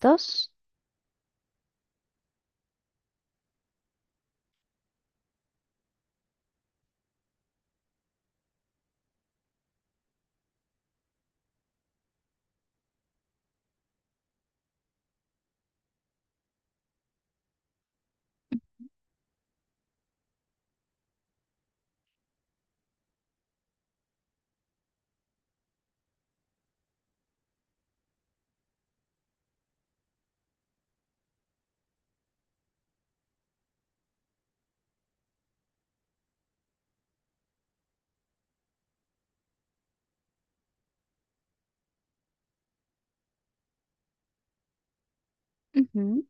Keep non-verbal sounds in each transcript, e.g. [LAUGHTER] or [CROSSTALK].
Dos. Ujú,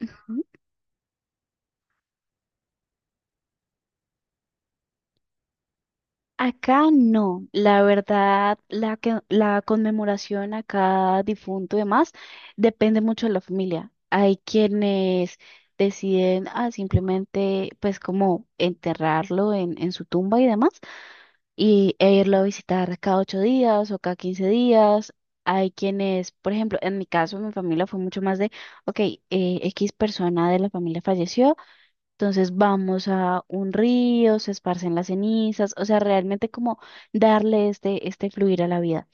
ujú. Acá no, la verdad, la conmemoración a cada difunto y demás depende mucho de la familia. Hay quienes deciden ah, simplemente pues como enterrarlo en su tumba y demás e irlo a visitar cada 8 días o cada 15 días. Hay quienes, por ejemplo, en mi caso, mi familia fue mucho más de, ok, X persona de la familia falleció. Entonces vamos a un río, se esparcen las cenizas, o sea, realmente como darle este fluir a la vida.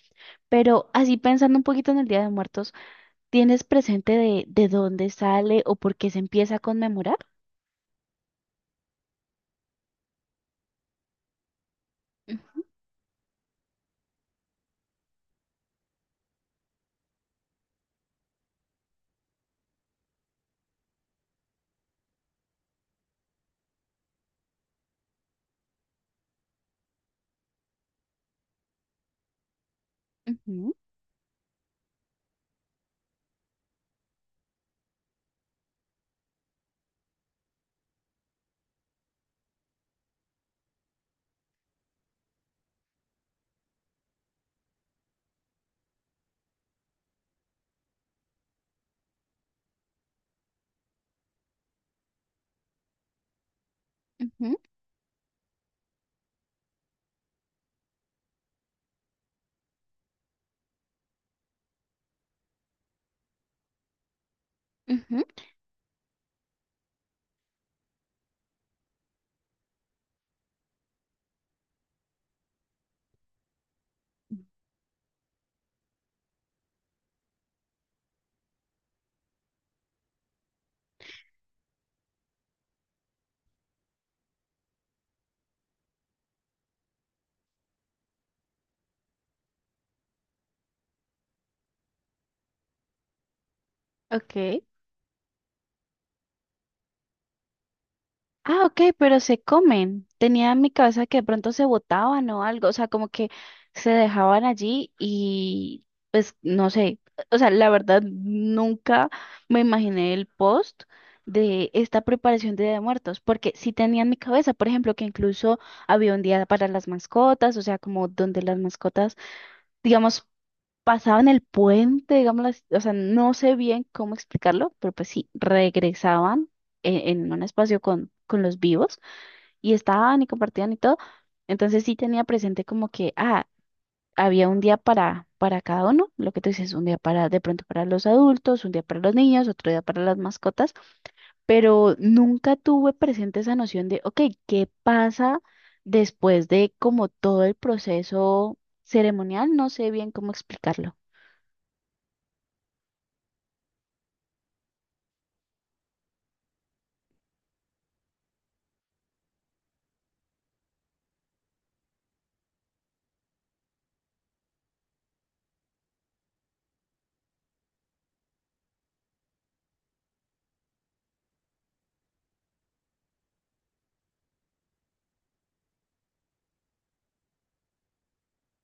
Pero así pensando un poquito en el Día de Muertos, ¿tienes presente de dónde sale o por qué se empieza a conmemorar? Ujú, ujú, ujú, ujú. Ok. Ah, ok, pero se comen. Tenía en mi cabeza que de pronto se botaban o algo, o sea, como que se dejaban allí y pues no sé, o sea, la verdad nunca me imaginé el post de esta preparación de Día de Muertos, porque sí tenía en mi cabeza, por ejemplo, que incluso había un día para las mascotas, o sea, como donde las mascotas, digamos, pasaban el puente, digamos, o sea, no sé bien cómo explicarlo, pero pues sí, regresaban en un espacio con los vivos y estaban y compartían y todo. Entonces sí tenía presente como que, ah, había un día para cada uno, lo que tú dices, un día para, de pronto para los adultos, un día para los niños, otro día para las mascotas, pero nunca tuve presente esa noción de, ok, ¿qué pasa después de como todo el proceso ceremonial? No sé bien cómo explicarlo.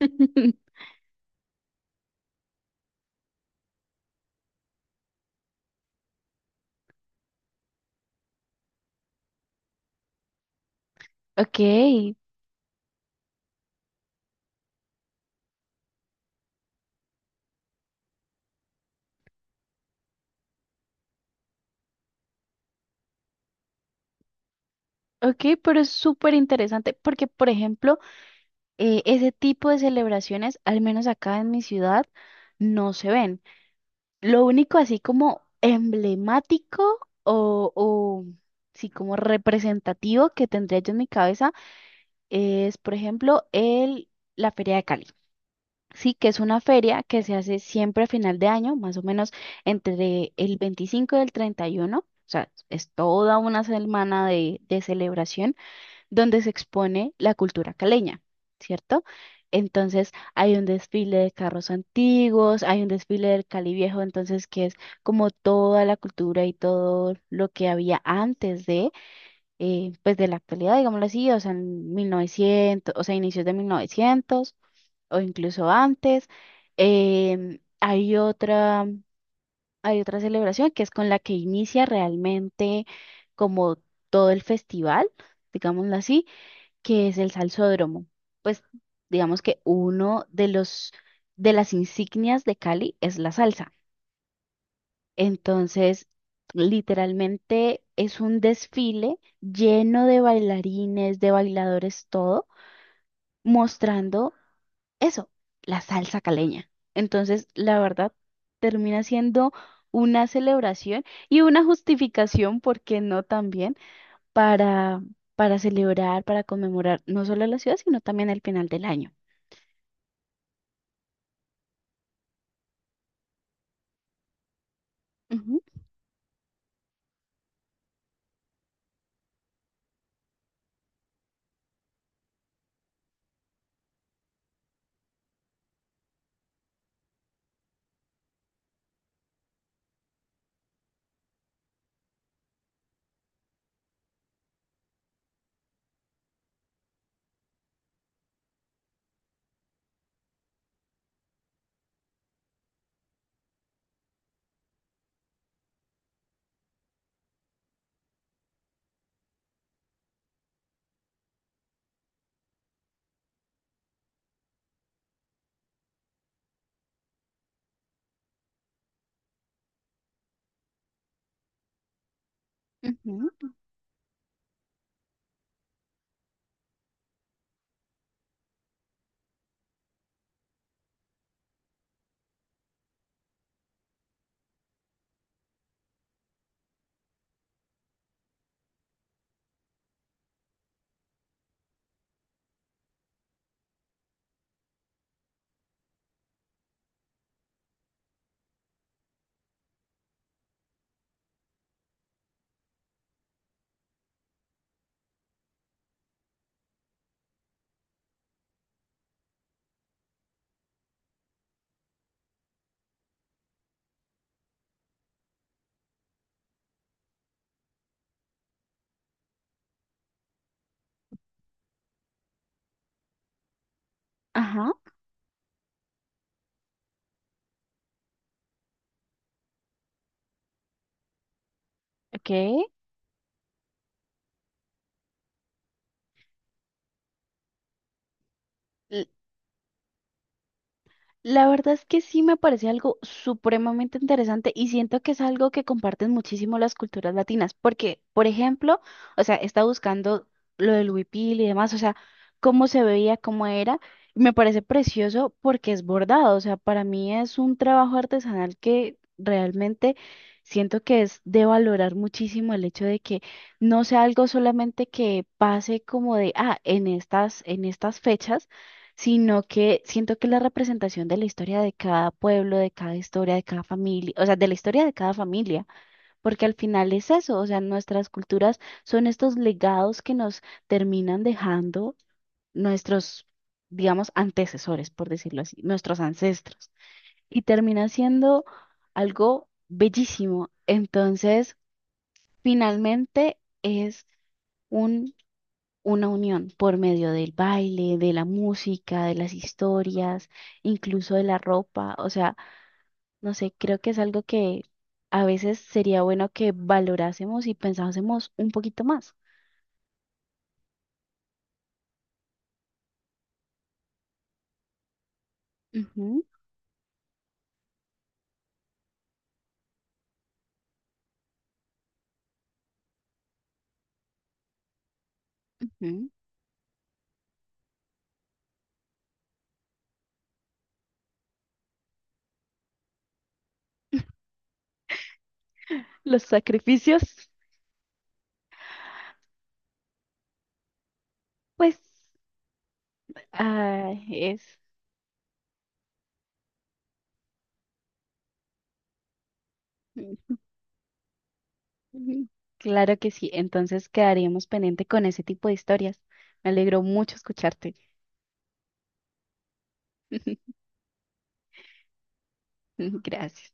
[LAUGHS] Ok, Ok, pero es súper interesante porque, por ejemplo, ese tipo de celebraciones, al menos acá en mi ciudad, no se ven. Lo único así como emblemático o sí, como representativo que tendría yo en mi cabeza es, por ejemplo, la Feria de Cali. Sí, que es una feria que se hace siempre a final de año, más o menos entre el 25 y el 31. O sea, es toda una semana de celebración donde se expone la cultura caleña, ¿cierto? Entonces hay un desfile de carros antiguos, hay un desfile del Cali Viejo, entonces que es como toda la cultura y todo lo que había antes de, pues de la actualidad, digámoslo así, o sea, en 1900, o sea, inicios de 1900 o incluso antes. Em, hay otra celebración que es con la que inicia realmente como todo el festival, digámoslo así que es el salsódromo. Pues digamos que uno de los de las insignias de Cali es la salsa. Entonces, literalmente es un desfile lleno de bailarines, de bailadores, todo, mostrando eso, la salsa caleña. Entonces, la verdad, termina siendo una celebración y una justificación, ¿por qué no también? Para, para celebrar, para conmemorar no solo la ciudad, sino también el final del año. Ujú, ujú, ajá, ok. L- La verdad es que sí me parece algo supremamente interesante y siento que es algo que comparten muchísimo las culturas latinas, porque, por ejemplo, o sea, está buscando lo del huipil y demás, o sea, cómo se veía, cómo era, y me parece precioso porque es bordado, o sea, para mí es un trabajo artesanal que realmente siento que es de valorar muchísimo el hecho de que no sea algo solamente que pase como de, ah, en estas fechas sino que siento que la representación de la historia de cada pueblo, de cada historia, de cada familia, o sea, de la historia de cada familia, porque al final es eso, o sea, nuestras culturas son estos legados que nos terminan dejando nuestros, digamos, antecesores, por decirlo así, nuestros ancestros, y termina siendo algo bellísimo. Entonces, finalmente es un una unión por medio del baile, de la música, de las historias, incluso de la ropa. O sea, no sé, creo que es algo que a veces sería bueno que valorásemos y pensásemos un poquito más. Ujú, ujú. Los sacrificios, pues, ah, es... Ujú. Claro que sí, entonces quedaríamos pendiente con ese tipo de historias. Me alegró mucho escucharte. [LAUGHS] Gracias.